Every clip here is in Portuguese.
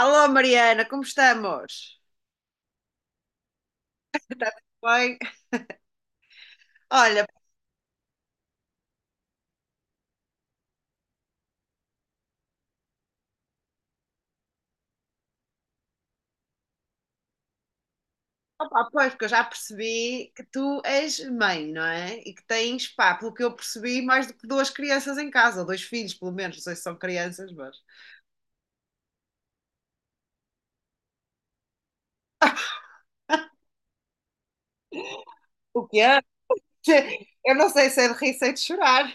Alô Mariana, como estamos? Bem, olha, opa, pois, porque eu já percebi que tu és mãe, não é? E que tens, pá, pelo que eu percebi, mais do que duas crianças em casa, ou dois filhos, pelo menos, não sei se são crianças, mas. O que é? Eu não sei se é de rir, se é de chorar.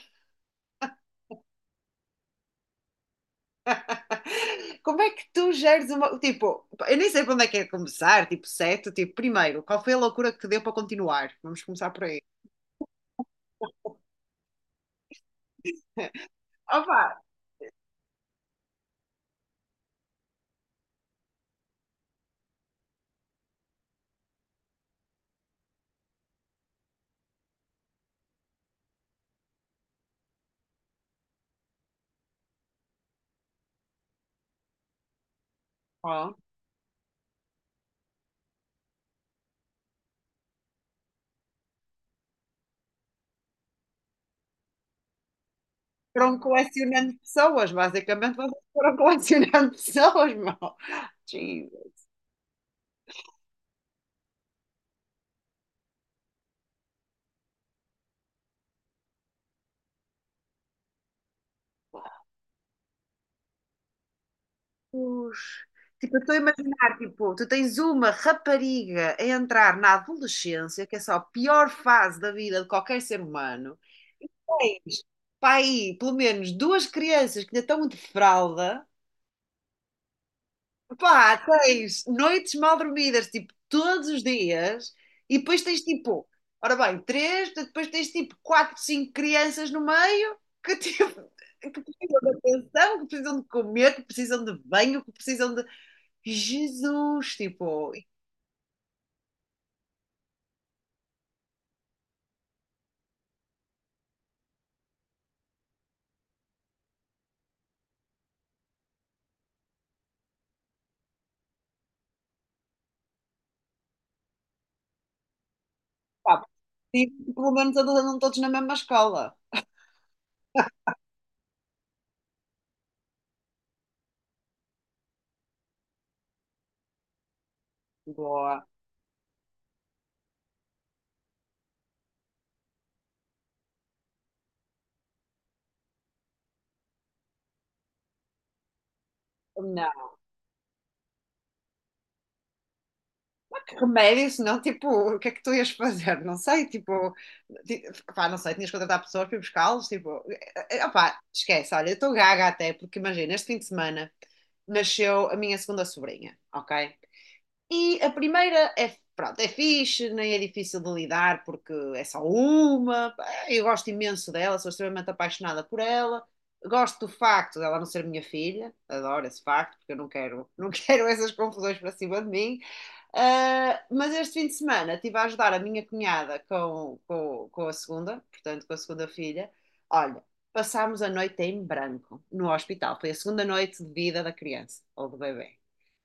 Como é que tu geres uma. Tipo, eu nem sei por onde é que é começar, tipo, certo? Tipo, primeiro, qual foi a loucura que te deu para continuar? Vamos começar por aí. Opa! Foram colecionando pessoas, basicamente vocês foram colecionando pessoas, meu. Jesus. Tipo, eu estou a imaginar, tipo, tu tens uma rapariga a entrar na adolescência, que é só a pior fase da vida de qualquer ser humano. Tens, pá, aí, pelo menos duas crianças que ainda estão de fralda. Pá, tens noites mal dormidas, tipo, todos os dias, e depois tens tipo, ora bem, três, depois tens tipo quatro, cinco crianças no meio que, tipo, que precisam de atenção, que precisam de comer, que precisam de banho, que precisam de. Jesus, tipo, e, pá, preciso pelo menos eles andam todos na mesma escola. Boa. Que remédio, senão, tipo, o que é que tu ias fazer? Não sei, tipo, ti- pá, não sei, tinhas que contratar pessoas para ir buscá-los, tipo, opá, esquece, olha, eu estou gaga até, porque imagina, este fim de semana nasceu a minha segunda sobrinha, ok? E a primeira é, pronto, é fixe, nem é difícil de lidar porque é só uma. Eu gosto imenso dela, sou extremamente apaixonada por ela. Gosto do facto dela não ser minha filha, adoro esse facto, porque eu não quero, não quero essas confusões para cima de mim. Ah, mas este fim de semana estive a ajudar a minha cunhada com a segunda, portanto, com a segunda filha. Olha, passámos a noite em branco no hospital. Foi a segunda noite de vida da criança ou do bebê.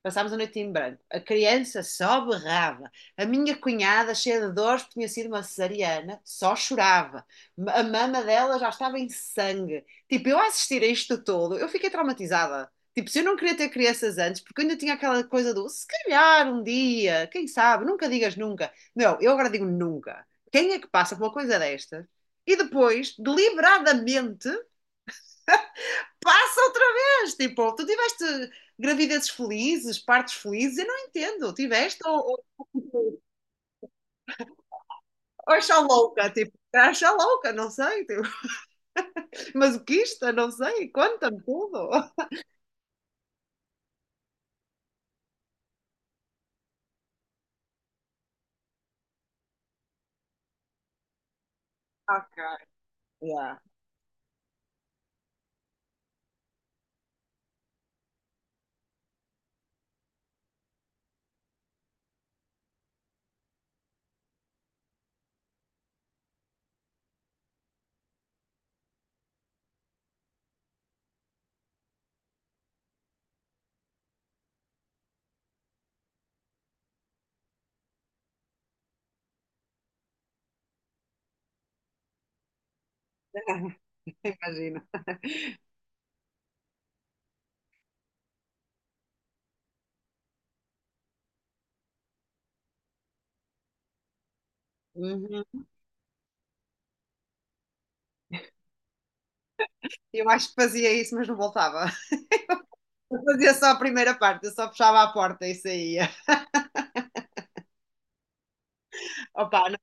Passámos a noite em branco. A criança só berrava. A minha cunhada, cheia de dores, porque tinha sido uma cesariana, só chorava. A mama dela já estava em sangue. Tipo, eu a assistir a isto todo, eu fiquei traumatizada. Tipo, se eu não queria ter crianças antes, porque eu ainda tinha aquela coisa do se calhar um dia, quem sabe, nunca digas nunca. Não, eu agora digo nunca. Quem é que passa por uma coisa destas e depois, deliberadamente, passa outra vez? Tipo, tu tiveste gravidezes felizes, partos felizes, eu não entendo. Tiveste ou, ou achar louca, tipo, achar louca, não sei. Tipo, mas o que isto, não sei, conta-me tudo. Ok. Yeah. Imagina. Uhum. Eu acho que fazia isso, mas não voltava. Eu fazia só a primeira parte, eu só fechava a porta e saía. Opa, não.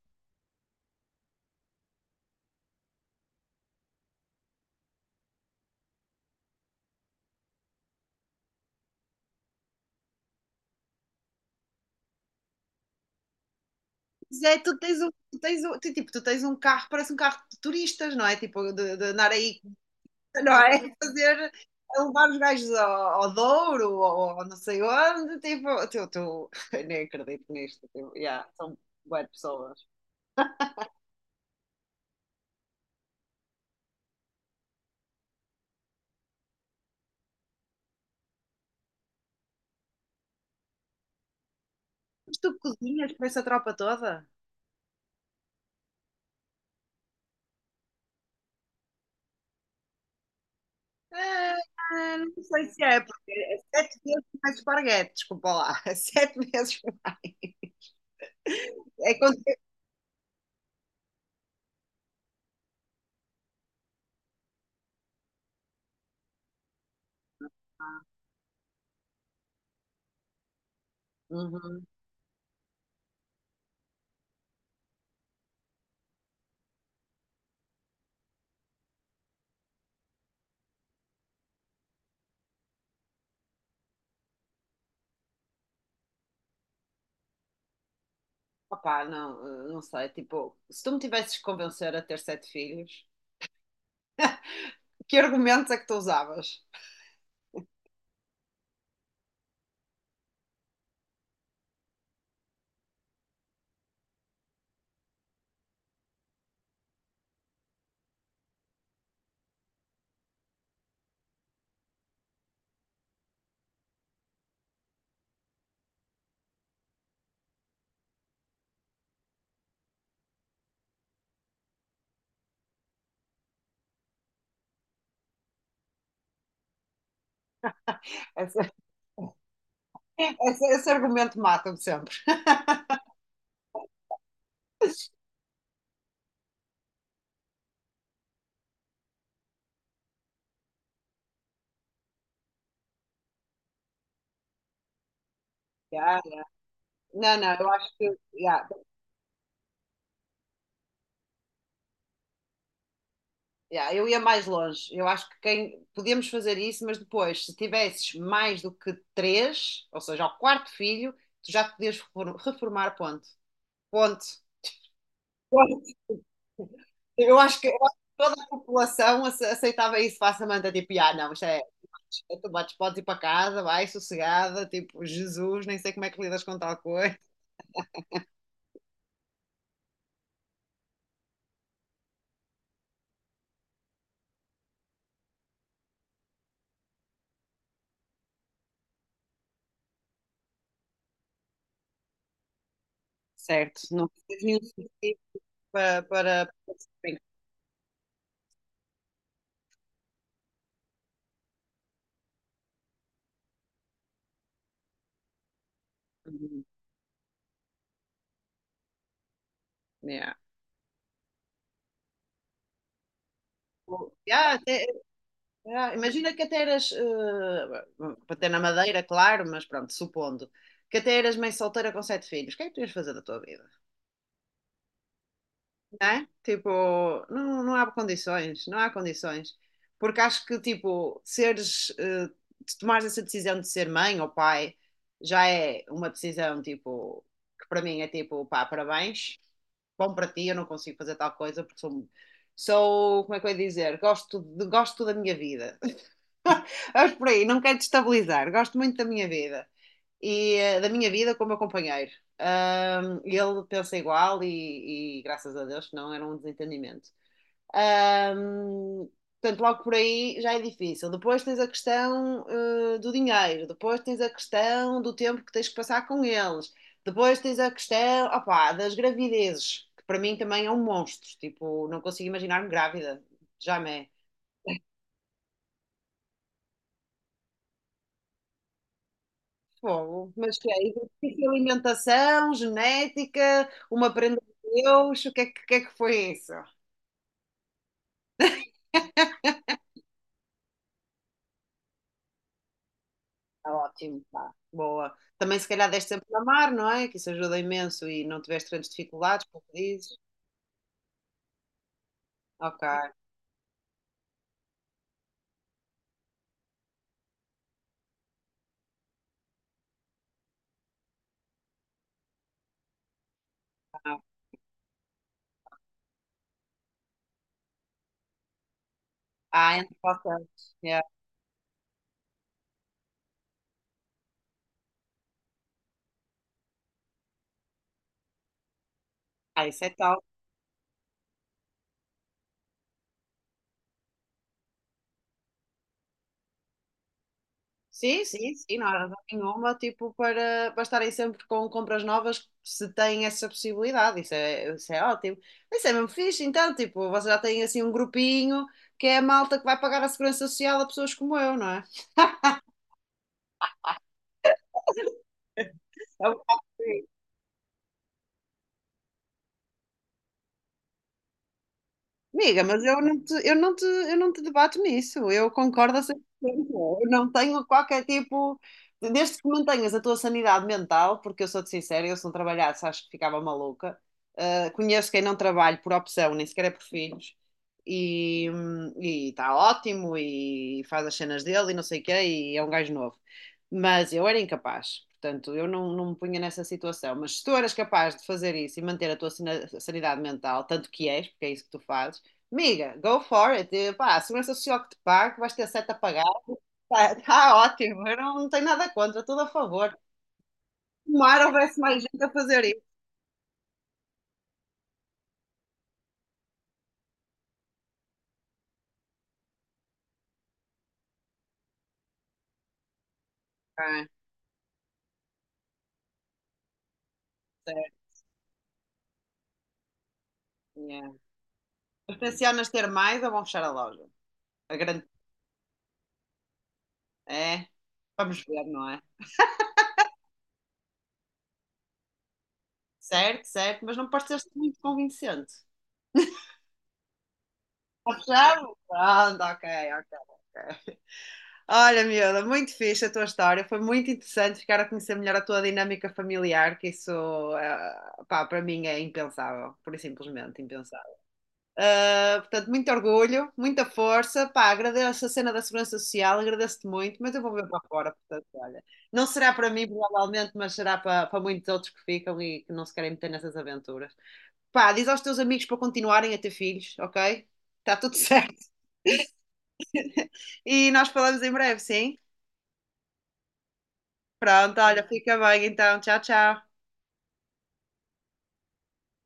Mas é, tu tens um, tu tens um, tu, tipo, tu tens um carro, parece um carro de turistas, não é? Tipo, de andar aí não é? Fazer, a levar os gajos ao, ao Douro ou ao não sei onde, tipo, eu tu, eu nem acredito nisto, tipo, yeah, são boas pessoas. Mas tu cozinhas para essa tropa toda? Ah, ah, não sei se é, porque é sete vezes mais esparguete, desculpa lá, é sete vezes mais. É quando... Uhum. Opá, não, não sei, tipo, se tu me tivesses que convencer a ter sete filhos, que argumentos é que tu usavas? Esse, esse argumento mata-me sempre. Ya, ya. Não, não, eu acho que ya, ya, eu ia mais longe. Eu acho que quem podíamos fazer isso, mas depois, se tivesses mais do que três, ou seja, ao quarto filho, tu já te podias reformar, ponto. Ponto. Eu acho que toda a população aceitava isso facilmente, tipo, ah, não, isto é, é tu bates, podes ir para casa, vai, sossegada, tipo, Jesus, nem sei como é que lidas com tal coisa. Certo, não tens nenhum sentido para... para- Yeah. Yeah, até- yeah, imagina que até eras, para ter na Madeira, claro, mas pronto, supondo, que até eras mãe solteira com sete filhos, o que é que tu ias fazer da tua vida? Né? Tipo, não, não há condições, não há condições. Porque acho que, tipo, seres, se tomares essa decisão de ser mãe ou pai, já é uma decisão, tipo, que para mim é tipo, pá, parabéns, bom para ti, eu não consigo fazer tal coisa porque sou, sou, como é que eu ia dizer, gosto, gosto da minha vida. Acho por aí, não quero destabilizar, gosto muito da minha vida e da minha vida com o meu companheiro. Ele pensa igual e graças a Deus que não era um desentendimento. Ahm, portanto, logo por aí já é difícil. Depois tens a questão, do dinheiro, depois tens a questão do tempo que tens que passar com eles, depois tens a questão, opá, das gravidezes, que para mim também é um monstro. Tipo, não consigo imaginar-me grávida, jamais. Fogo. Mas que é? Exercício, alimentação, genética, uma prenda de Deus, o que é que, o que é que foi isso? Tá ótimo, tá. Boa. Também se calhar deste sempre a mar, não é? Que isso ajuda imenso e não tiveste grandes dificuldades, pelo que dizes. Ok. Ah, entre vocês. Yeah. Ah, isso é tal. Sim, sim, sim, não há razão nenhuma, tipo, para, para estarem sempre com compras novas, se têm essa possibilidade, isso é ótimo. Isso é mesmo fixe, então, tipo, vocês já têm assim um grupinho que é a malta que vai pagar a segurança social a pessoas como eu, não é? É um bocado. Amiga, mas eu não te, eu não te, eu não te debato nisso. Eu concordo a 100%. Eu não tenho qualquer tipo. Desde que mantenhas a tua sanidade mental, porque eu sou-te sincera, eu se não trabalhasse acho que ficava maluca. Conheço quem não trabalha por opção, nem sequer é por filhos, e está ótimo, e faz as cenas dele e não sei o quê, e é um gajo novo. Mas eu era incapaz, portanto, eu não, não me punha nessa situação. Mas se tu eras capaz de fazer isso e manter a tua sanidade mental, tanto que és, porque é isso que tu fazes, miga, go for it. E, pá, a segurança social que te pago, vais ter sete a pagar. Está tá ótimo. Eu não, não tenho nada contra, tudo a favor. Tomara houvesse mais gente a fazer isso. Ah, certo, yeah. Mas tencionas ter mais ou vão fechar a loja? A grande. É, vamos ver, não é? Certo, certo, mas não pareceste muito convincente. Está fechado? Pronto, ok, ok. Ok. Olha, miúda, muito fixe a tua história. Foi muito interessante ficar a conhecer melhor a tua dinâmica familiar, que isso, pá, para mim é impensável, por simplesmente impensável. Ah, portanto, muito orgulho, muita força. Pá, agradeço a cena da Segurança Social, agradeço-te muito, mas eu vou ver para fora, portanto, olha. Não será para mim, provavelmente, mas será para, para muitos outros que ficam e que não se querem meter nessas aventuras. Pá, diz aos teus amigos para continuarem a ter filhos, ok? Está tudo certo. E nós falamos em breve, sim? Pronto, olha, fica bem então. Tchau, tchau.